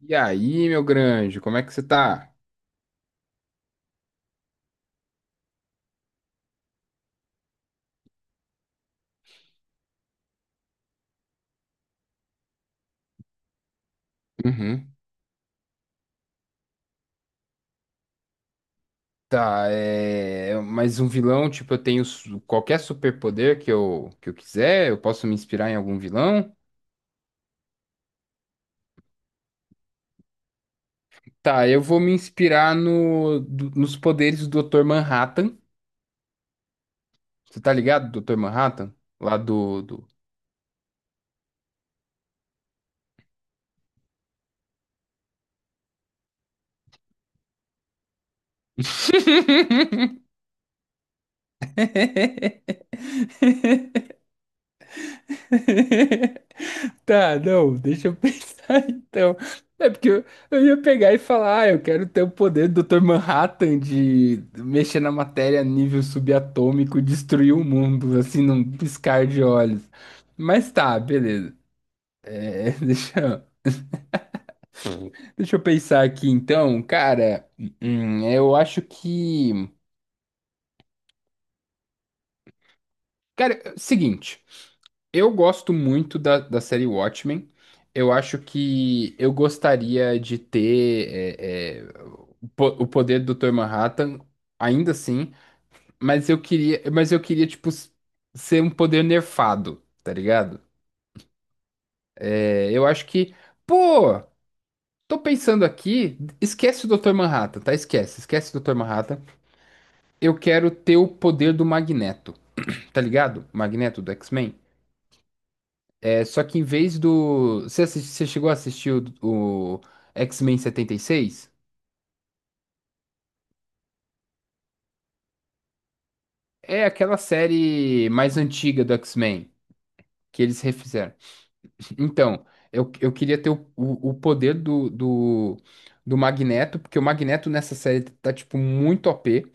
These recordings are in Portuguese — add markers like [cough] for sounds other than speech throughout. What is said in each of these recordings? E aí, meu grande, como é que você tá? Uhum. Tá, é. Mas um vilão, tipo, qualquer superpoder que eu quiser, eu posso me inspirar em algum vilão? Tá, eu vou me inspirar no, do- nos poderes do Dr. Manhattan. Você tá ligado, Dr. Manhattan? Lá do, do... [laughs] Tá, não, deixa eu [laughs] pensar então. É porque eu, eu ia pegar e falar, ah, eu quero ter o poder do Dr. Manhattan de mexer na matéria a nível subatômico e destruir o mundo, assim, num piscar de olhos. Mas tá, beleza. É, [laughs] deixa eu pensar aqui então, cara. Eu acho que. Cara, é o seguinte. Eu gosto muito da série Watchmen. Eu acho que eu gostaria de ter o poder do Dr. Manhattan, ainda assim, mas eu queria, ser um poder nerfado, tá ligado? É, eu acho que, pô, tô pensando aqui, esquece o Dr. Manhattan, tá? Esquece o Dr. Manhattan. Eu quero ter o poder do Magneto, tá ligado? Magneto do X-Men. É só que em vez do. Você, você chegou a assistir o X-Men 76? É aquela série mais antiga do X-Men que eles refizeram. Então, eu queria ter o poder do Magneto, porque o Magneto nessa série tá, tipo, muito O p.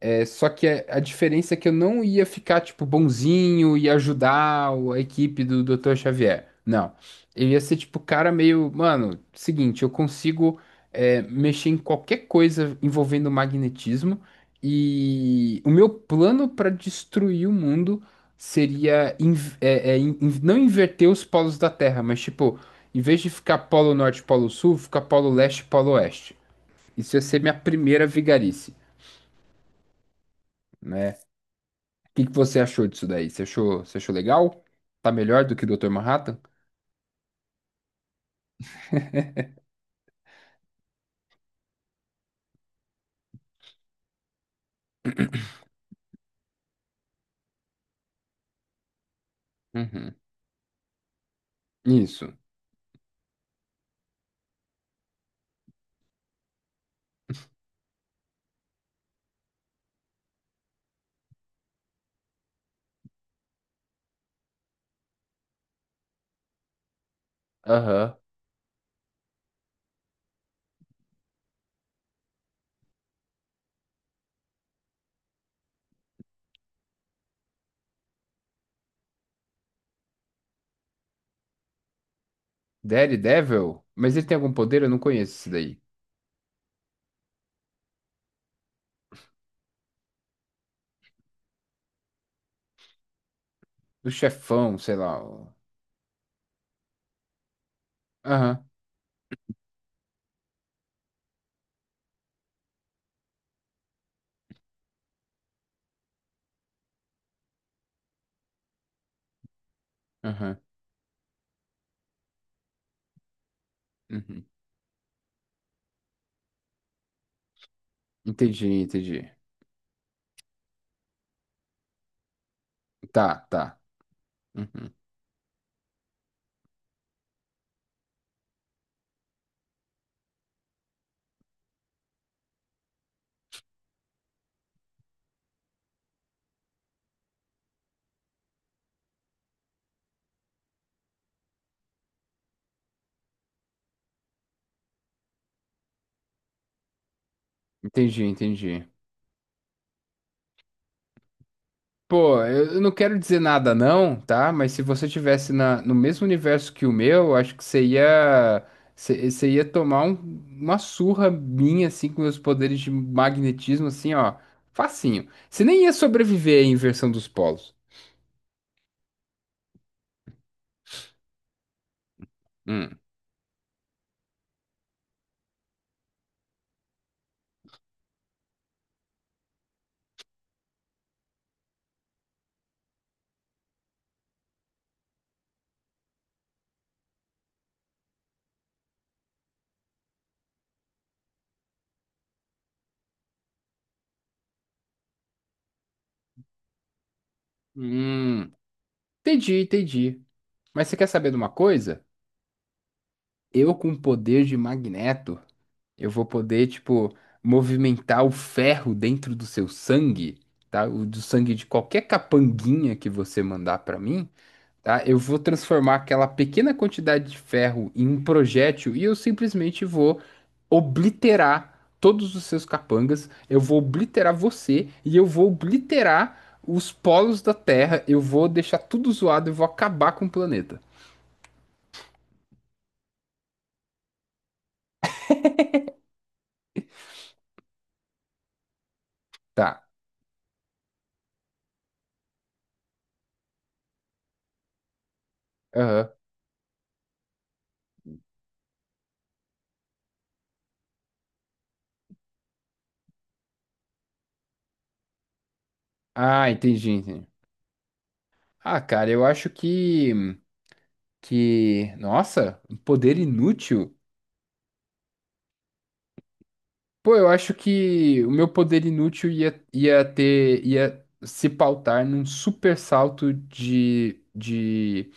É, só que a diferença é que eu não ia ficar, tipo, bonzinho e ajudar a equipe do Dr. Xavier. Não. Eu ia ser, tipo, cara meio. Mano, seguinte, eu consigo mexer em qualquer coisa envolvendo magnetismo. E o meu plano para destruir o mundo seria não inverter os polos da Terra, mas, tipo, em vez de ficar polo norte, polo sul, ficar polo leste, polo oeste. Isso ia ser minha primeira vigarice. Né? Que você achou disso daí? Você achou legal? Tá melhor do que o Dr. Manhattan? Uhum. Isso. Aham. Daredevil? Mas ele tem algum poder? Eu não conheço esse daí. O chefão, sei lá. Aham, aham. Uhum. Entendi, entendi. Tá, tá. Uhum. Entendi, entendi. Pô, eu não quero dizer nada não, tá? Mas se você tivesse no mesmo universo que o meu, eu acho que você ia, você ia tomar uma surra minha, assim, com meus poderes de magnetismo, assim, ó. Facinho. Você nem ia sobreviver à inversão dos polos. Hum. Hum. Entendi, entendi. Mas você quer saber de uma coisa? Eu com poder de magneto. Eu vou poder, tipo, movimentar o ferro dentro do seu sangue, tá? O do sangue de qualquer capanguinha que você mandar pra mim, tá? Eu vou transformar aquela pequena quantidade de ferro em um projétil e eu simplesmente vou obliterar todos os seus capangas. Eu vou obliterar você e eu vou obliterar os polos da Terra. Eu vou deixar tudo zoado, eu vou acabar com o planeta. Tá. Aham. Ah, entendi, entendi. Ah, cara, eu acho que. Que, nossa, um poder inútil? Pô, eu acho que o meu poder inútil ia se pautar num super salto de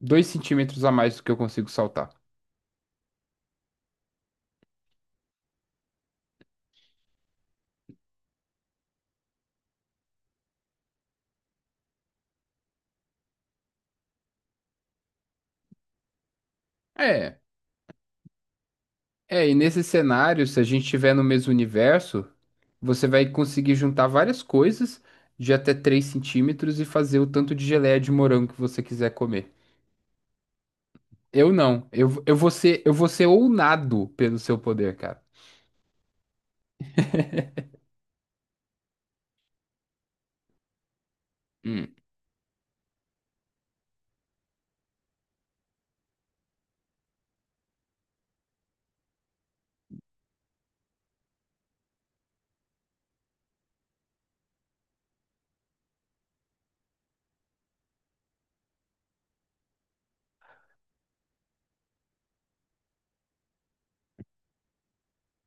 2 centímetros a mais do que eu consigo saltar. É, e nesse cenário, se a gente estiver no mesmo universo, você vai conseguir juntar várias coisas de até 3 centímetros e fazer o tanto de geleia de morango que você quiser comer. Eu não, eu vou ser ounado pelo seu poder, cara.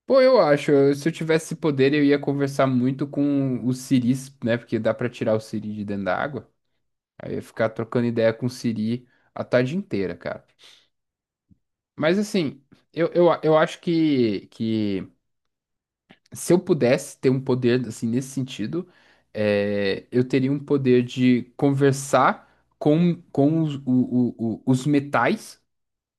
Pô, se eu tivesse poder, eu ia conversar muito com o siris, né? Porque dá pra tirar o siri de dentro da água. Aí eu ia ficar trocando ideia com o siri a tarde inteira, cara. Mas assim, eu acho que se eu pudesse ter um poder, assim, nesse sentido, é, eu teria um poder de conversar com os, o- os metais.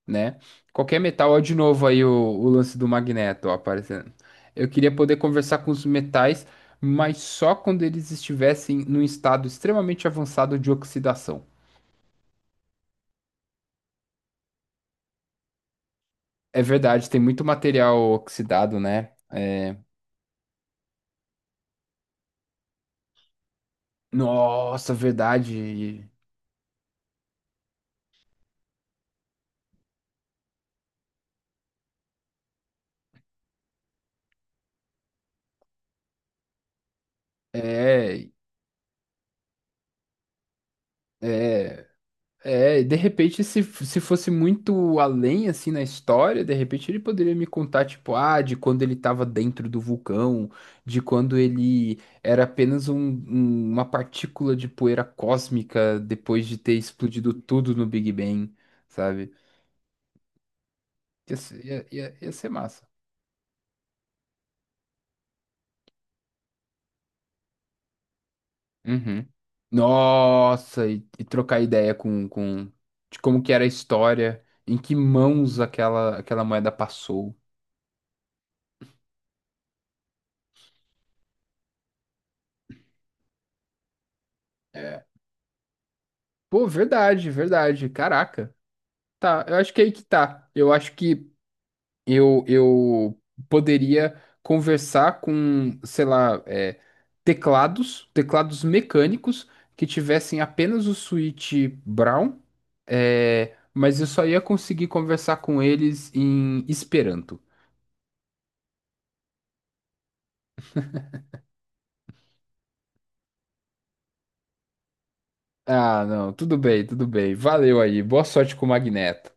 Né? Qualquer metal, ó, de novo aí o lance do magneto, ó, aparecendo. Eu queria poder conversar com os metais, mas só quando eles estivessem num estado extremamente avançado de oxidação. É verdade, tem muito material oxidado, né? É... Nossa, verdade. É, é. É, e de repente, se fosse muito além, assim, na história, de repente ele poderia me contar, tipo, ah, de quando ele estava dentro do vulcão, de quando ele era apenas uma partícula de poeira cósmica depois de ter explodido tudo no Big Bang, sabe? Ia ser massa. Uhum. Nossa, e trocar ideia com de como que era a história, em que mãos aquela moeda passou. É, pô, verdade, verdade. Caraca. Tá, eu acho que é aí que tá. Eu acho que eu poderia conversar com, sei lá, é, teclados mecânicos que tivessem apenas o switch Brown, é, mas eu só ia conseguir conversar com eles em Esperanto. Ah, não, tudo bem, tudo bem. Valeu aí. Boa sorte com o Magneto.